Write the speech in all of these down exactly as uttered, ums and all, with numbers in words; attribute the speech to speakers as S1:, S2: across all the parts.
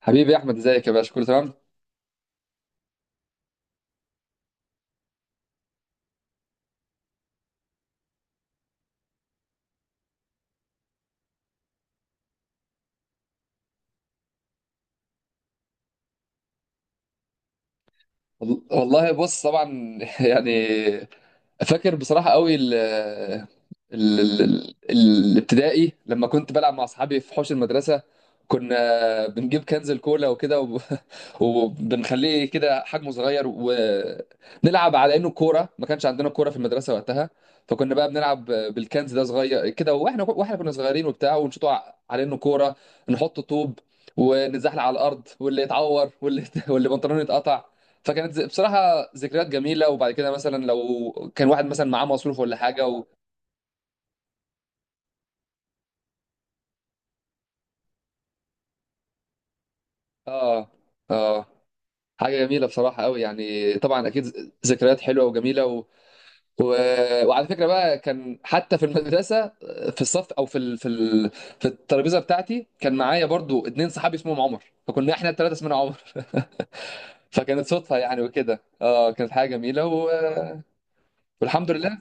S1: حبيبي يا احمد، ازيك يا باشا؟ كله تمام. وال- والله بص، طبعا. يعني فاكر بصراحه قوي ال ال- ال- ال- الابتدائي لما كنت بلعب مع اصحابي في حوش المدرسه. كنا بنجيب كنز الكولا وكده. وبنخليه كده حجمه صغير ونلعب على انه كوره، ما كانش عندنا كوره في المدرسه وقتها. فكنا بقى بنلعب بالكنز ده صغير كده، واحنا واحنا كنا صغيرين وبتاع، ونشوطه ع- على انه كوره. نحط طوب ونتزحلق على الارض، واللي يتعور واللي واللي بنطلونه يتقطع. فكانت ز- بصراحه ذكريات جميله. وبعد كده مثلا لو كان واحد مثلا معاه مصروف ولا حاجه و... اه، اه، حاجه جميله بصراحه قوي، يعني طبعا اكيد ذكريات حلوه وجميله. و... وعلى فكره بقى كان حتى في المدرسه، في الصف، او في ال... في ال... في الترابيزه بتاعتي كان معايا برضو اتنين صحابي اسمهم عمر، فكنا احنا الثلاثه اسمنا عمر. فكانت صدفه، يعني وكده اه كانت حاجه جميله. و... والحمد لله.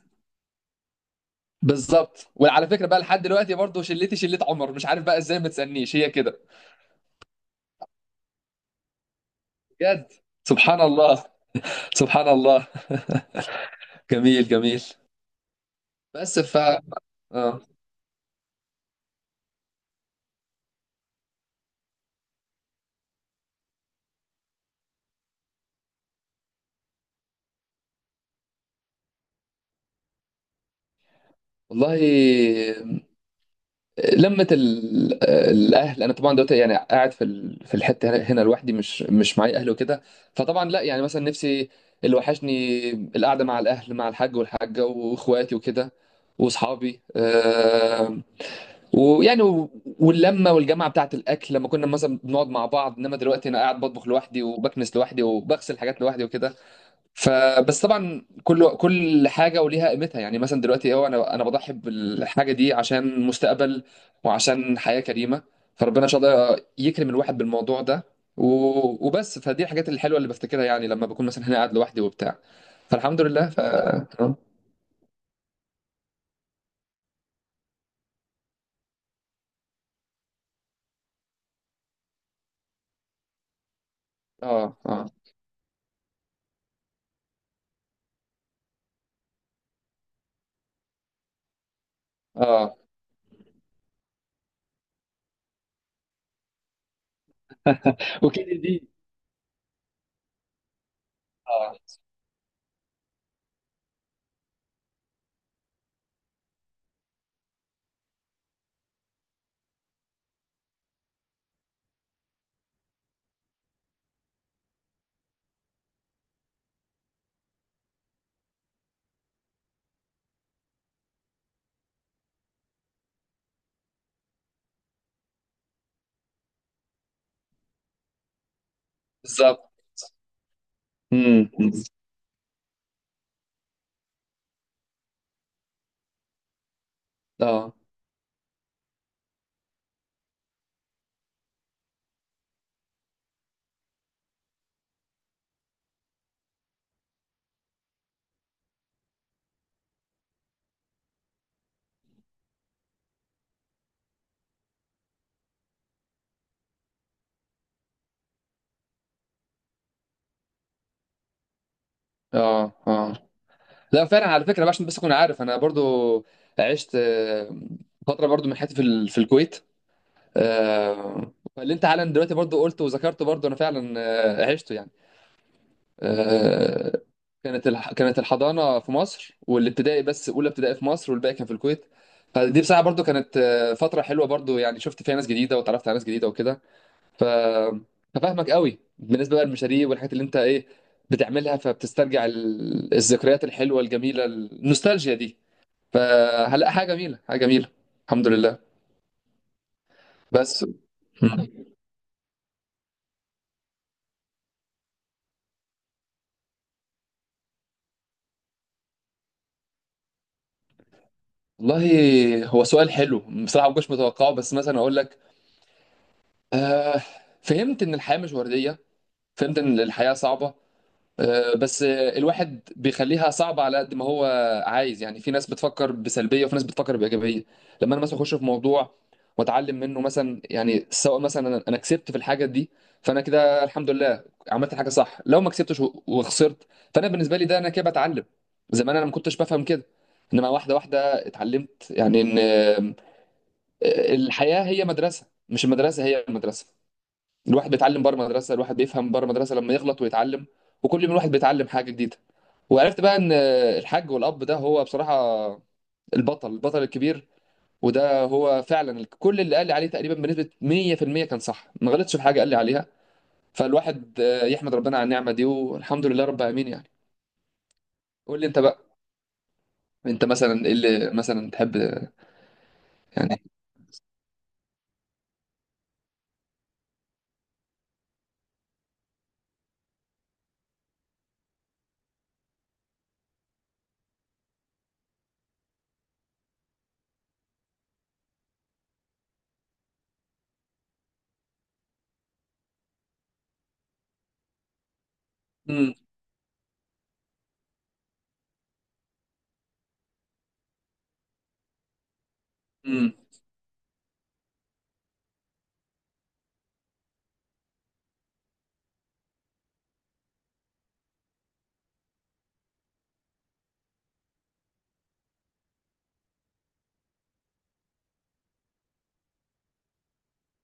S1: بالظبط. وعلى فكره بقى لحد دلوقتي برضو، شلتي شلت عمر، مش عارف بقى ازاي، ما تسالنيش، هي كده. بجد، سبحان الله، سبحان الله. جميل، جميل. بس ف اه والله، لمة ال- الأهل. أنا طبعا دلوقتي يعني قاعد في ال- في الحتة هنا هنا لوحدي، مش مش معايا أهل وكده. فطبعا لا، يعني مثلا نفسي، اللي وحشني القعدة مع الأهل، مع الحاج والحاجة وإخواتي وكده، وأصحابي، آم، ويعني و- واللمة والجامعة بتاعة الأكل لما كنا مثلا بنقعد مع بعض. إنما دلوقتي أنا قاعد بطبخ لوحدي، وبكنس لوحدي، وبغسل حاجات لوحدي وكده. فبس طبعا، كل كل حاجه وليها قيمتها. يعني مثلا دلوقتي هو انا انا بضحي بالحاجه دي عشان مستقبل وعشان حياه كريمه. فربنا ان شاء الله يكرم الواحد بالموضوع ده. و- وبس، فدي الحاجات الحلوه اللي بفتكرها، يعني لما بكون مثلا هنا قاعد لوحدي وبتاع. فالحمد لله. ف اه اه، اه، وكيدي دي. اه، بالظبط. امم اه، اه، اه، لا، فعلا، على فكره بقى، عشان بس اكون عارف انا برضو عشت آه، فتره برضو من حياتي في ال- في الكويت. آه، فاللي انت حالا دلوقتي برضو قلته وذكرته، برضو انا فعلا آه، عشته، يعني. آه، كانت الح- كانت الحضانه في مصر والابتدائي، بس اولى ابتدائي في مصر والباقي كان في الكويت. فدي بصراحه برضو كانت آه، فتره حلوه برضو، يعني شفت فيها ناس جديده وتعرفت على ناس جديده وكده. ف ففاهمك قوي بالنسبه بقى للمشاريع والحاجات اللي انت ايه بتعملها، فبتسترجع ال- الذكريات الحلوه الجميله، النوستالجيا دي. فهلا، حاجه جميله، حاجه جميله. الحمد لله. بس. مم. والله، هو سؤال حلو، بصراحه ما كنتش متوقعه. بس مثلا اقول لك، آه فهمت ان الحياه مش ورديه، فهمت ان الحياه صعبه. آه، بس آه، الواحد بيخليها صعبة على قد ما هو عايز. يعني في ناس بتفكر بسلبية، وفي ناس بتفكر بإيجابية. لما أنا مثلا أخش في موضوع وأتعلم منه، مثلا يعني سواء مثلا أنا أنا كسبت في الحاجة دي، فأنا كده الحمد لله عملت الحاجة صح. لو ما كسبتش و- وخسرت، فأنا بالنسبة لي ده أنا كده بتعلم. زمان أنا ما كنتش بفهم كده، إنما واحدة واحدة اتعلمت، يعني إن آه، الحياة هي مدرسة، مش المدرسة هي المدرسة. الواحد بيتعلم بره مدرسه، الواحد بيفهم بره مدرسه لما يغلط ويتعلم. وكل يوم الواحد بيتعلم حاجه جديده. وعرفت بقى ان الحاج والاب ده هو بصراحه البطل، البطل الكبير. وده هو فعلا كل اللي قال لي عليه تقريبا بنسبه مية في المية كان صح، ما غلطش في حاجه قال لي عليها. فالواحد آه، يحمد ربنا على النعمه دي، والحمد لله رب العالمين، يعني. قول لي انت بقى، انت مثلا ايه اللي مثلا تحب، يعني؟ امم امم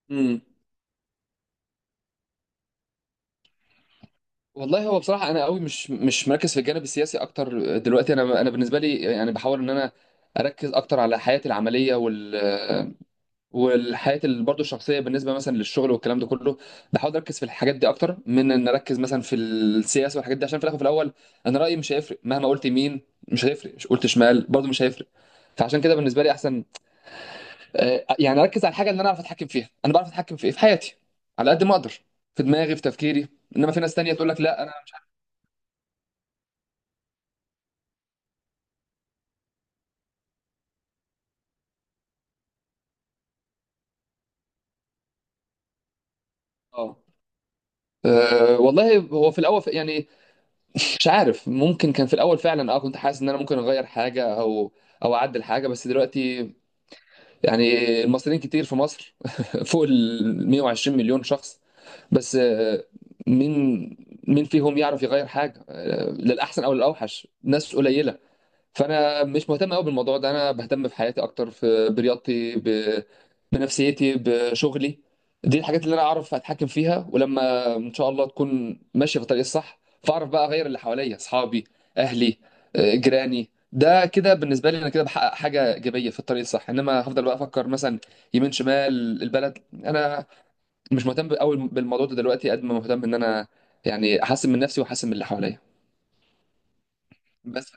S1: امم والله، هو بصراحة أنا قوي مش مش مركز في الجانب السياسي أكتر دلوقتي. أنا أنا بالنسبة لي يعني بحاول إن أنا أركز أكتر على حياتي العملية وال والحياة برضه الشخصية، بالنسبة مثلا للشغل والكلام ده كله. بحاول أركز في الحاجات دي أكتر من إن أركز مثلا في السياسة والحاجات دي، عشان في الآخر، في الأول، أنا رأيي مش هيفرق مهما قلت يمين، مش هيفرق، مش قلت شمال برضه مش هيفرق. فعشان كده بالنسبة لي أحسن آه، يعني أركز على الحاجة اللي أنا أعرف أتحكم فيها. أنا بعرف أتحكم في إيه؟ في حياتي، على قد ما أقدر، في دماغي، في تفكيري. إنما في ناس تانية تقول لك لا، أنا مش عارف. آه، أه، والله، هو في الاول ف- يعني مش عارف، ممكن كان في الاول فعلا اه كنت حاسس ان انا ممكن اغير حاجه، او او اعدل حاجه، بس دلوقتي يعني، المصريين كتير في مصر. فوق ال مئة وعشرين مليون شخص، بس آه، مين مين فيهم يعرف يغير حاجه، آه، للاحسن او للاوحش؟ ناس قليله. فانا مش مهتم قوي بالموضوع ده، انا بهتم بحياتي اكتر، في برياضتي، ب... بنفسيتي، بشغلي. دي الحاجات اللي انا اعرف اتحكم فيها، ولما ان شاء الله تكون ماشيه في الطريق الصح، فاعرف بقى اغير اللي حواليا: اصحابي، اهلي، آه، جيراني. ده كده بالنسبه لي انا كده بحقق حاجه ايجابيه في الطريق الصح. انما هفضل بقى افكر مثلا يمين، شمال، البلد، انا مش مهتم قوي بالموضوع ده دلوقتي قد ما مهتم ان انا يعني احسن من نفسي واحسن من اللي حواليا. بس.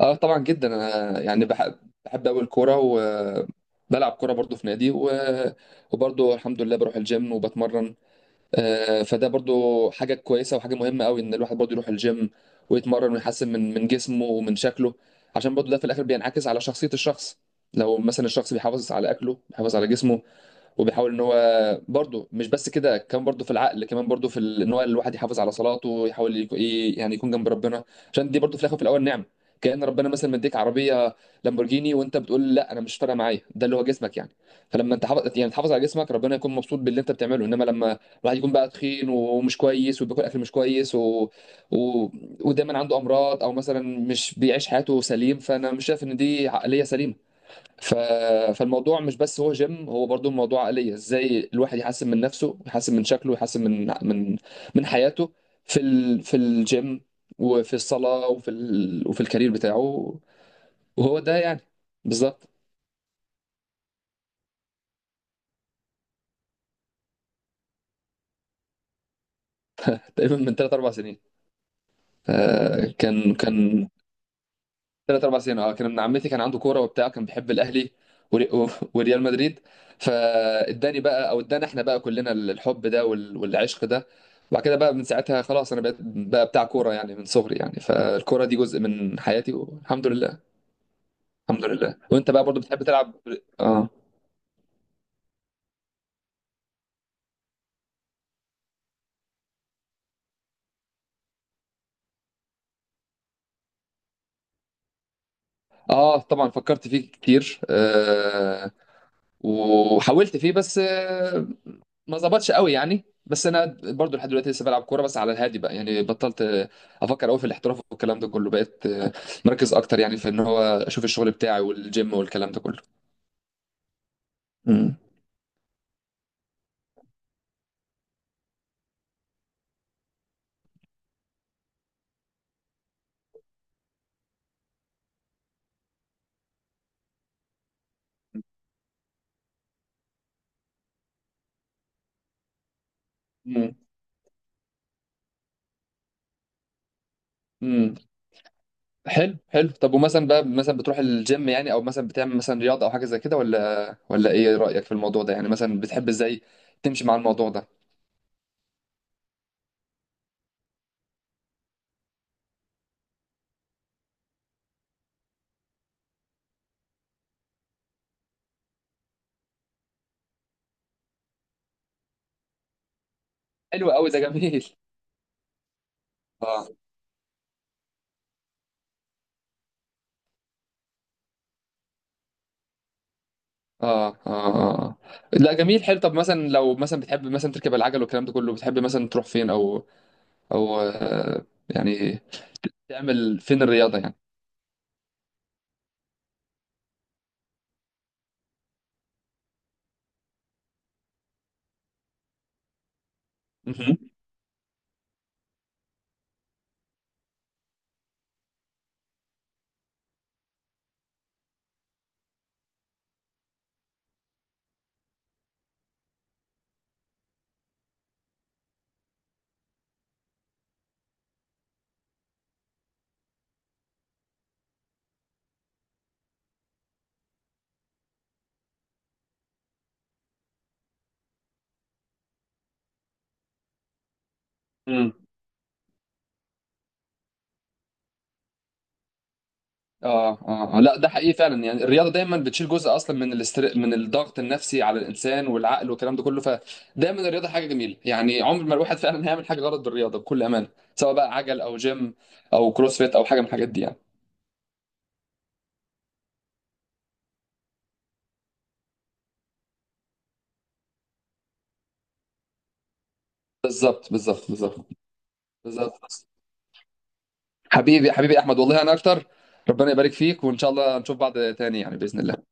S1: اه، طبعا جدا، انا يعني بحب، بحب قوي الكوره، وبلعب كوره برضو في نادي، و... وبرضو الحمد لله بروح الجيم وبتمرن. آه، فده برضو حاجه كويسه وحاجه مهمه قوي، ان الواحد برضو يروح الجيم ويتمرن ويحسن من من جسمه ومن شكله، عشان برضو ده في الاخر بينعكس على شخصيه الشخص. لو مثلا الشخص بيحافظ على اكله، بيحافظ على جسمه، وبيحاول ان هو برضه مش بس كده، كمان برضه في العقل، كمان برضه في ال- ان هو الواحد يحافظ على صلاته، ويحاول يكو- ي- يعني يكون جنب ربنا، عشان دي برضه في الاخر وفي الاول نعمه. كأن ربنا مثلا مديك عربيه لامبورجيني وانت بتقول لا، انا مش فارقه معايا، ده اللي هو جسمك يعني. فلما انت حافظ، يعني تحافظ على جسمك، ربنا يكون مبسوط باللي انت بتعمله. انما لما الواحد يكون بقى تخين ومش كويس، وبياكل اكل مش كويس، و... و... ودايما عنده امراض، او مثلا مش بيعيش حياته سليم، فانا مش شايف ان دي عقليه سليمه. ف... فالموضوع مش بس هو جيم، هو برضو الموضوع عقلية. ازاي الواحد يحسن من نفسه، يحسن من شكله، يحسن من من من حياته، في ال... في الجيم، وفي الصلاة، وفي ال... وفي الكارير بتاعه. وهو ده يعني، بالظبط. تقريبا من ثلاث اربع سنين. فكان كان ثلاث اربع سنين، اه كان ابن عمتي كان عنده كوره وبتاع، كان بيحب الاهلي وري- و- وريال مدريد. فاداني بقى، او ادانا احنا بقى كلنا الحب ده وال- والعشق ده. وبعد كده بقى من ساعتها خلاص، انا بقيت بقى بتاع كوره، يعني من صغري، يعني فالكوره دي جزء من حياتي والحمد لله. الحمد لله. وانت بقى برضو بتحب تلعب؟ اه، اه، طبعا فكرت فيه كتير. آه وحاولت فيه، بس آه، ما ظبطش قوي يعني. بس انا برضو لحد دلوقتي لسه بلعب كوره، بس على الهادي بقى، يعني بطلت آه، افكر قوي في الاحتراف والكلام ده كله. بقيت آه، مركز اكتر، يعني في ان هو اشوف الشغل بتاعي والجيم والكلام ده كله. امم، امم، أمم. حلو، حلو. طب ومثلا بقى، مثلا بتروح الجيم يعني، او مثلا بتعمل مثلا رياضه او حاجه زي كده، ولا ولا ايه رايك في الموضوع ده؟ يعني مثلا بتحب ازاي تمشي مع الموضوع ده؟ حلو قوي، ده جميل. اه، اه، اه، آه. لا، جميل، حلو. طب مثلا لو مثلا بتحب مثلا تركب العجل والكلام ده كله، بتحب مثلا تروح فين، او او آه، يعني تعمل فين الرياضه يعني؟ مهم. مم. اه، اه، آه. لا، ده حقيقي فعلا، يعني الرياضه دايما بتشيل جزء اصلا من الاستر... من الضغط النفسي على الانسان والعقل والكلام ده كله. فدايما الرياضه حاجه جميله، يعني عمر ما الواحد فعلا هيعمل حاجه غلط بالرياضه بكل امانه، سواء بقى عجل او جيم او كروسفيت او حاجه من الحاجات دي، يعني. بالظبط، بالظبط، بالظبط. بالظبط. حبيبي، حبيبي احمد، والله انا اكتر. ربنا يبارك فيك، وان شاء الله نشوف بعض تاني، يعني باذن الله.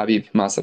S1: حبيبي، مع السلامه.